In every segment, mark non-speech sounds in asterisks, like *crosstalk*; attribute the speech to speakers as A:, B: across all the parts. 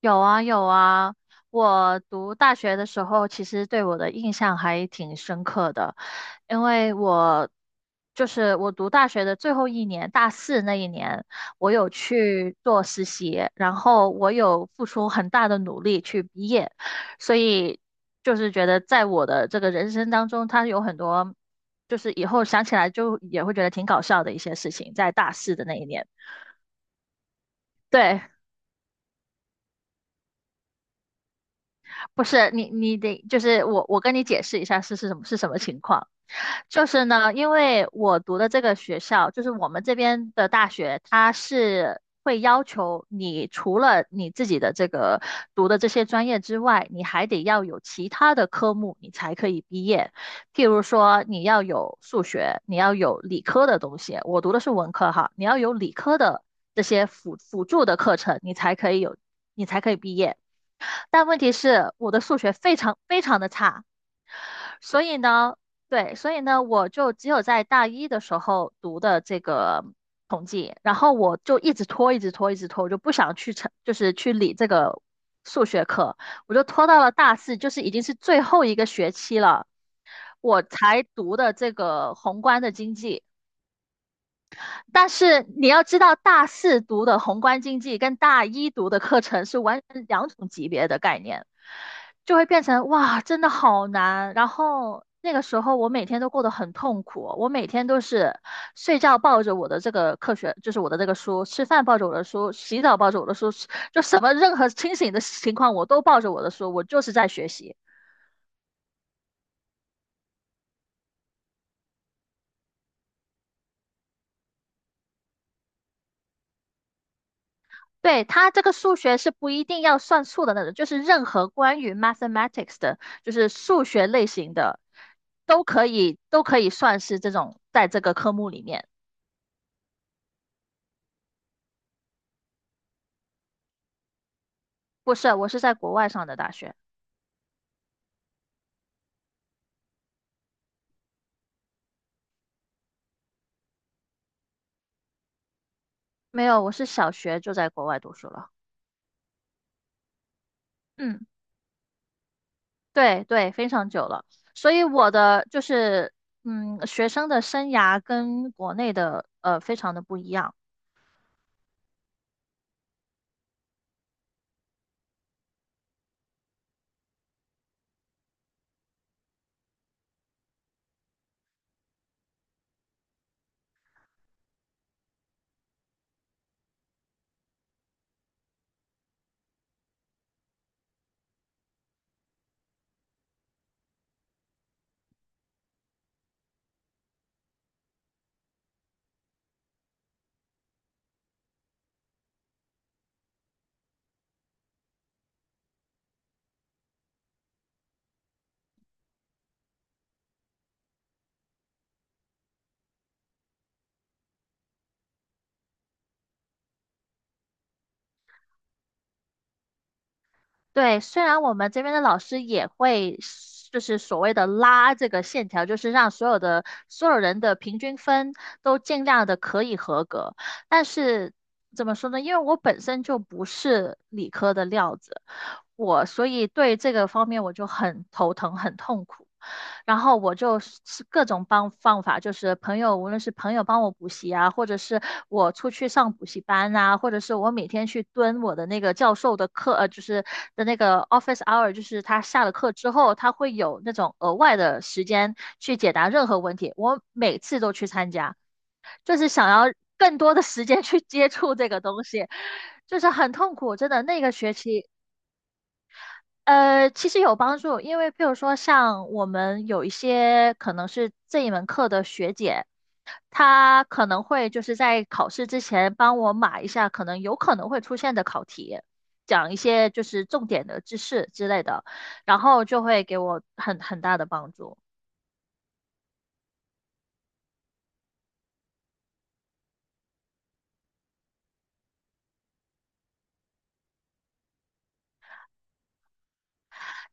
A: 有啊有啊，我读大学的时候，其实对我的印象还挺深刻的，因为我就是我读大学的最后一年，大四那一年，我有去做实习，然后我有付出很大的努力去毕业，所以就是觉得在我的这个人生当中，它有很多就是以后想起来就也会觉得挺搞笑的一些事情，在大四的那一年，对。不是你，你得就是我，我跟你解释一下是是什么是什么情况。就是呢，因为我读的这个学校，就是我们这边的大学，它是会要求你除了你自己的这个读的这些专业之外，你还得要有其他的科目，你才可以毕业。譬如说，你要有数学，你要有理科的东西。我读的是文科哈，你要有理科的这些辅助的课程，你才可以有，你才可以毕业。但问题是我的数学非常非常的差，所以呢，对，所以呢，我就只有在大一的时候读的这个统计，然后我就一直拖，一直拖，一直拖，我就不想去成，就是去理这个数学课，我就拖到了大四，就是已经是最后一个学期了，我才读的这个宏观的经济。但是你要知道，大四读的宏观经济跟大一读的课程是完全两种级别的概念，就会变成哇，真的好难。然后那个时候我每天都过得很痛苦，我每天都是睡觉抱着我的这个课学，就是我的这个书，吃饭抱着我的书，洗澡抱着我的书，就什么任何清醒的情况我都抱着我的书，我就是在学习。对，它这个数学是不一定要算数的那种，就是任何关于 mathematics 的，就是数学类型的，都可以算是这种在这个科目里面。不是，我是在国外上的大学，没有，我是小学就在国外读书了。嗯，对对，非常久了。所以我的就是嗯，学生的生涯跟国内的非常的不一样。对，虽然我们这边的老师也会，就是所谓的拉这个线条，就是让所有人的平均分都尽量的可以合格，但是怎么说呢？因为我本身就不是理科的料子，我所以对这个方面我就很头疼，很痛苦。然后我就是各种帮方法，就是朋友，无论是朋友帮我补习啊，或者是我出去上补习班啊，或者是我每天去蹲我的那个教授的课，就是的那个 office hour，就是他下了课之后，他会有那种额外的时间去解答任何问题，我每次都去参加，就是想要更多的时间去接触这个东西，就是很痛苦，真的那个学期。其实有帮助，因为譬如说，像我们有一些可能是这一门课的学姐，她可能会就是在考试之前帮我码一下可能有可能会出现的考题，讲一些就是重点的知识之类的，然后就会给我很大的帮助。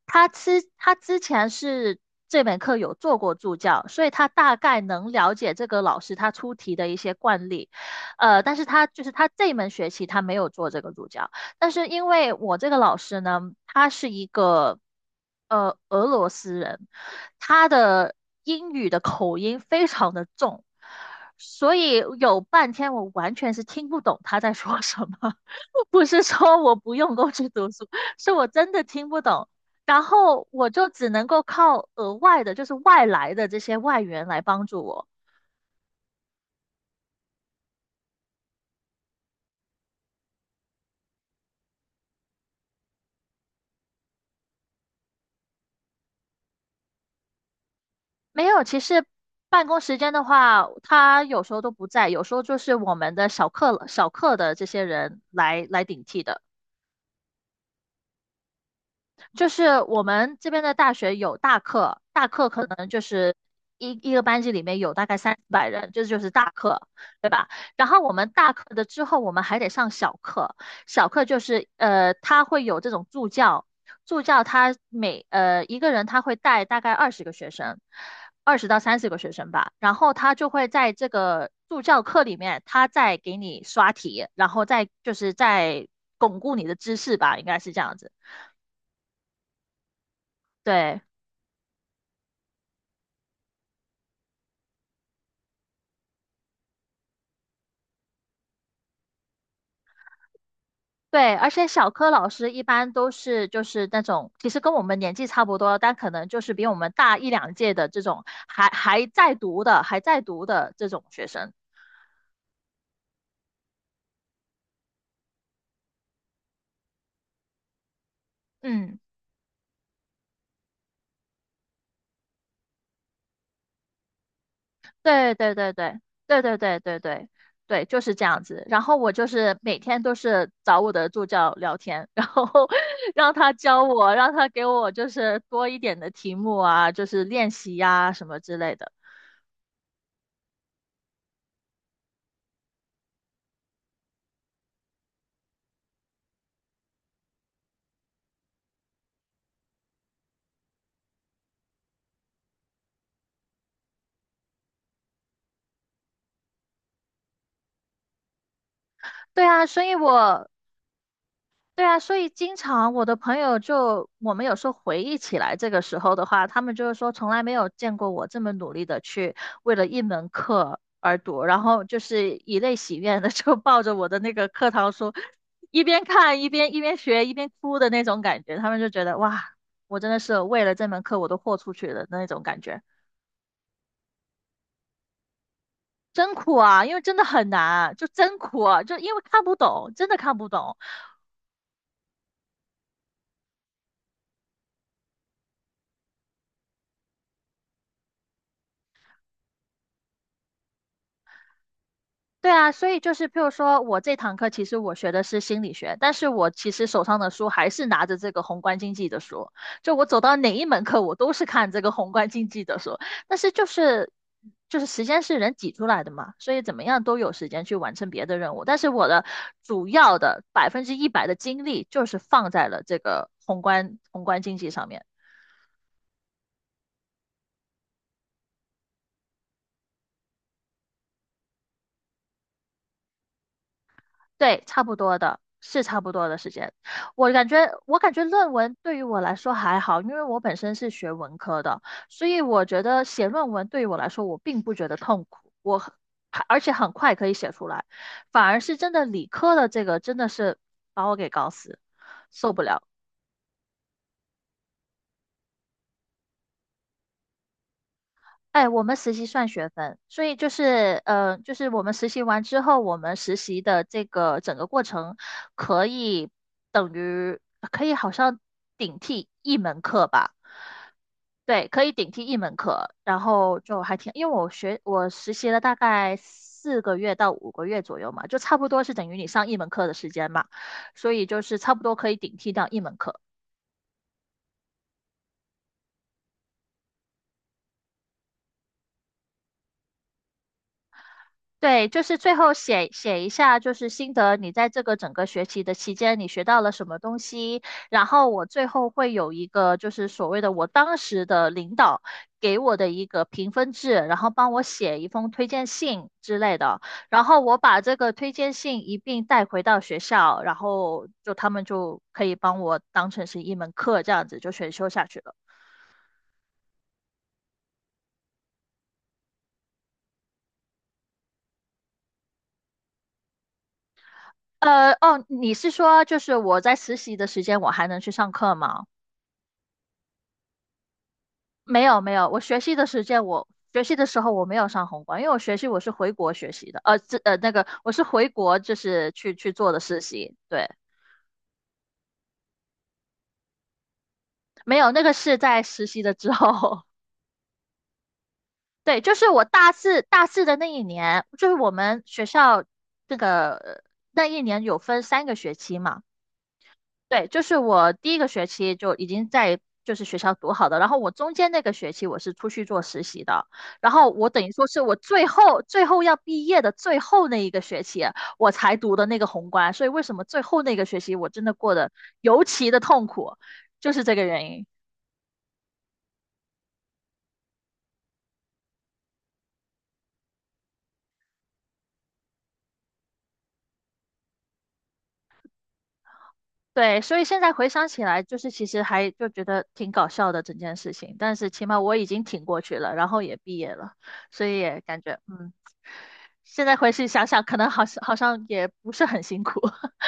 A: 他之前是这门课有做过助教，所以他大概能了解这个老师他出题的一些惯例，但是他就是他这门学期他没有做这个助教，但是因为我这个老师呢，他是一个俄罗斯人，他的英语的口音非常的重，所以有半天我完全是听不懂他在说什么，*laughs* 不是说我不用功去读书，是我真的听不懂。然后我就只能够靠额外的，就是外来的这些外援来帮助我。没有，其实办公时间的话，他有时候都不在，有时候就是我们的小课的这些人来来顶替的。就是我们这边的大学有大课，大课可能就是一个班级里面有大概三四百人，这就是大课，对吧？然后我们大课的之后，我们还得上小课，小课就是他会有这种助教，助教他每一个人他会带大概二十个学生，二十到三十个学生吧，然后他就会在这个助教课里面，他再给你刷题，然后再就是再巩固你的知识吧，应该是这样子，对。对，而且小柯老师一般都是就是那种，其实跟我们年纪差不多，但可能就是比我们大一两届的这种，还在读的这种学生。嗯，对对对对对对对对对对，就是这样子。然后我就是每天都是找我的助教聊天，然后 *laughs* 让他教我，让他给我就是多一点的题目啊，就是练习呀、什么之类的。对啊，所以我对啊，所以经常我的朋友就，我们有时候回忆起来这个时候的话，他们就是说从来没有见过我这么努力的去为了一门课而读，然后就是以泪洗面的 *laughs* 就抱着我的那个课堂书，一边看一边学一边哭的那种感觉，他们就觉得哇，我真的是为了这门课我都豁出去了的那种感觉，真苦啊，因为真的很难啊，就真苦啊就因为看不懂，真的看不懂。对啊，所以就是，譬如说我这堂课其实我学的是心理学，但是我其实手上的书还是拿着这个宏观经济的书，就我走到哪一门课，我都是看这个宏观经济的书。但是就是时间是人挤出来的嘛，所以怎么样都有时间去完成别的任务。但是我的主要的百分之一百的精力就是放在了这个宏观经济上面。对，差不多的，是差不多的时间。我感觉，我感觉论文对于我来说还好，因为我本身是学文科的，所以我觉得写论文对于我来说，我并不觉得痛苦，我很而且很快可以写出来，反而是真的理科的这个真的是把我给搞死，受不了。哎，我们实习算学分，所以就是就是我们实习完之后，我们实习的这个整个过程可以等于可以好像顶替一门课吧。对，可以顶替一门课，然后就还挺，因为我学我实习了大概四个月到五个月左右嘛，就差不多是等于你上一门课的时间嘛，所以就是差不多可以顶替掉一门课。对，就是最后写写一下，就是心得，你在这个整个学期的期间，你学到了什么东西。然后我最后会有一个，就是所谓的我当时的领导给我的一个评分制，然后帮我写一封推荐信之类的。然后我把这个推荐信一并带回到学校，然后就他们就可以帮我当成是一门课，这样子就选修下去了。你是说就是我在实习的时间，我还能去上课吗？没有没有，我学习的时间我学习的时候我没有上宏观，因为我学习我是回国学习的，呃，这呃那个我是回国就是去去做的实习，对，没有那个是在实习的之后，*laughs* 对，就是我大四的那一年，就是我们学校这个那一年有分三个学期嘛。对，就是我第一个学期就已经在就是学校读好的，然后我中间那个学期我是出去做实习的，然后我等于说是我最后要毕业的最后那一个学期我才读的那个宏观，所以为什么最后那个学期我真的过得尤其的痛苦，就是这个原因。对，所以现在回想起来，就是其实还就觉得挺搞笑的整件事情，但是起码我已经挺过去了，然后也毕业了，所以也感觉嗯。现在回去想想，可能好像也不是很辛苦。*laughs*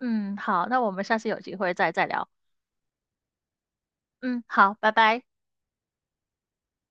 A: 嗯，好，那我们下次有机会再聊。嗯，好，拜拜。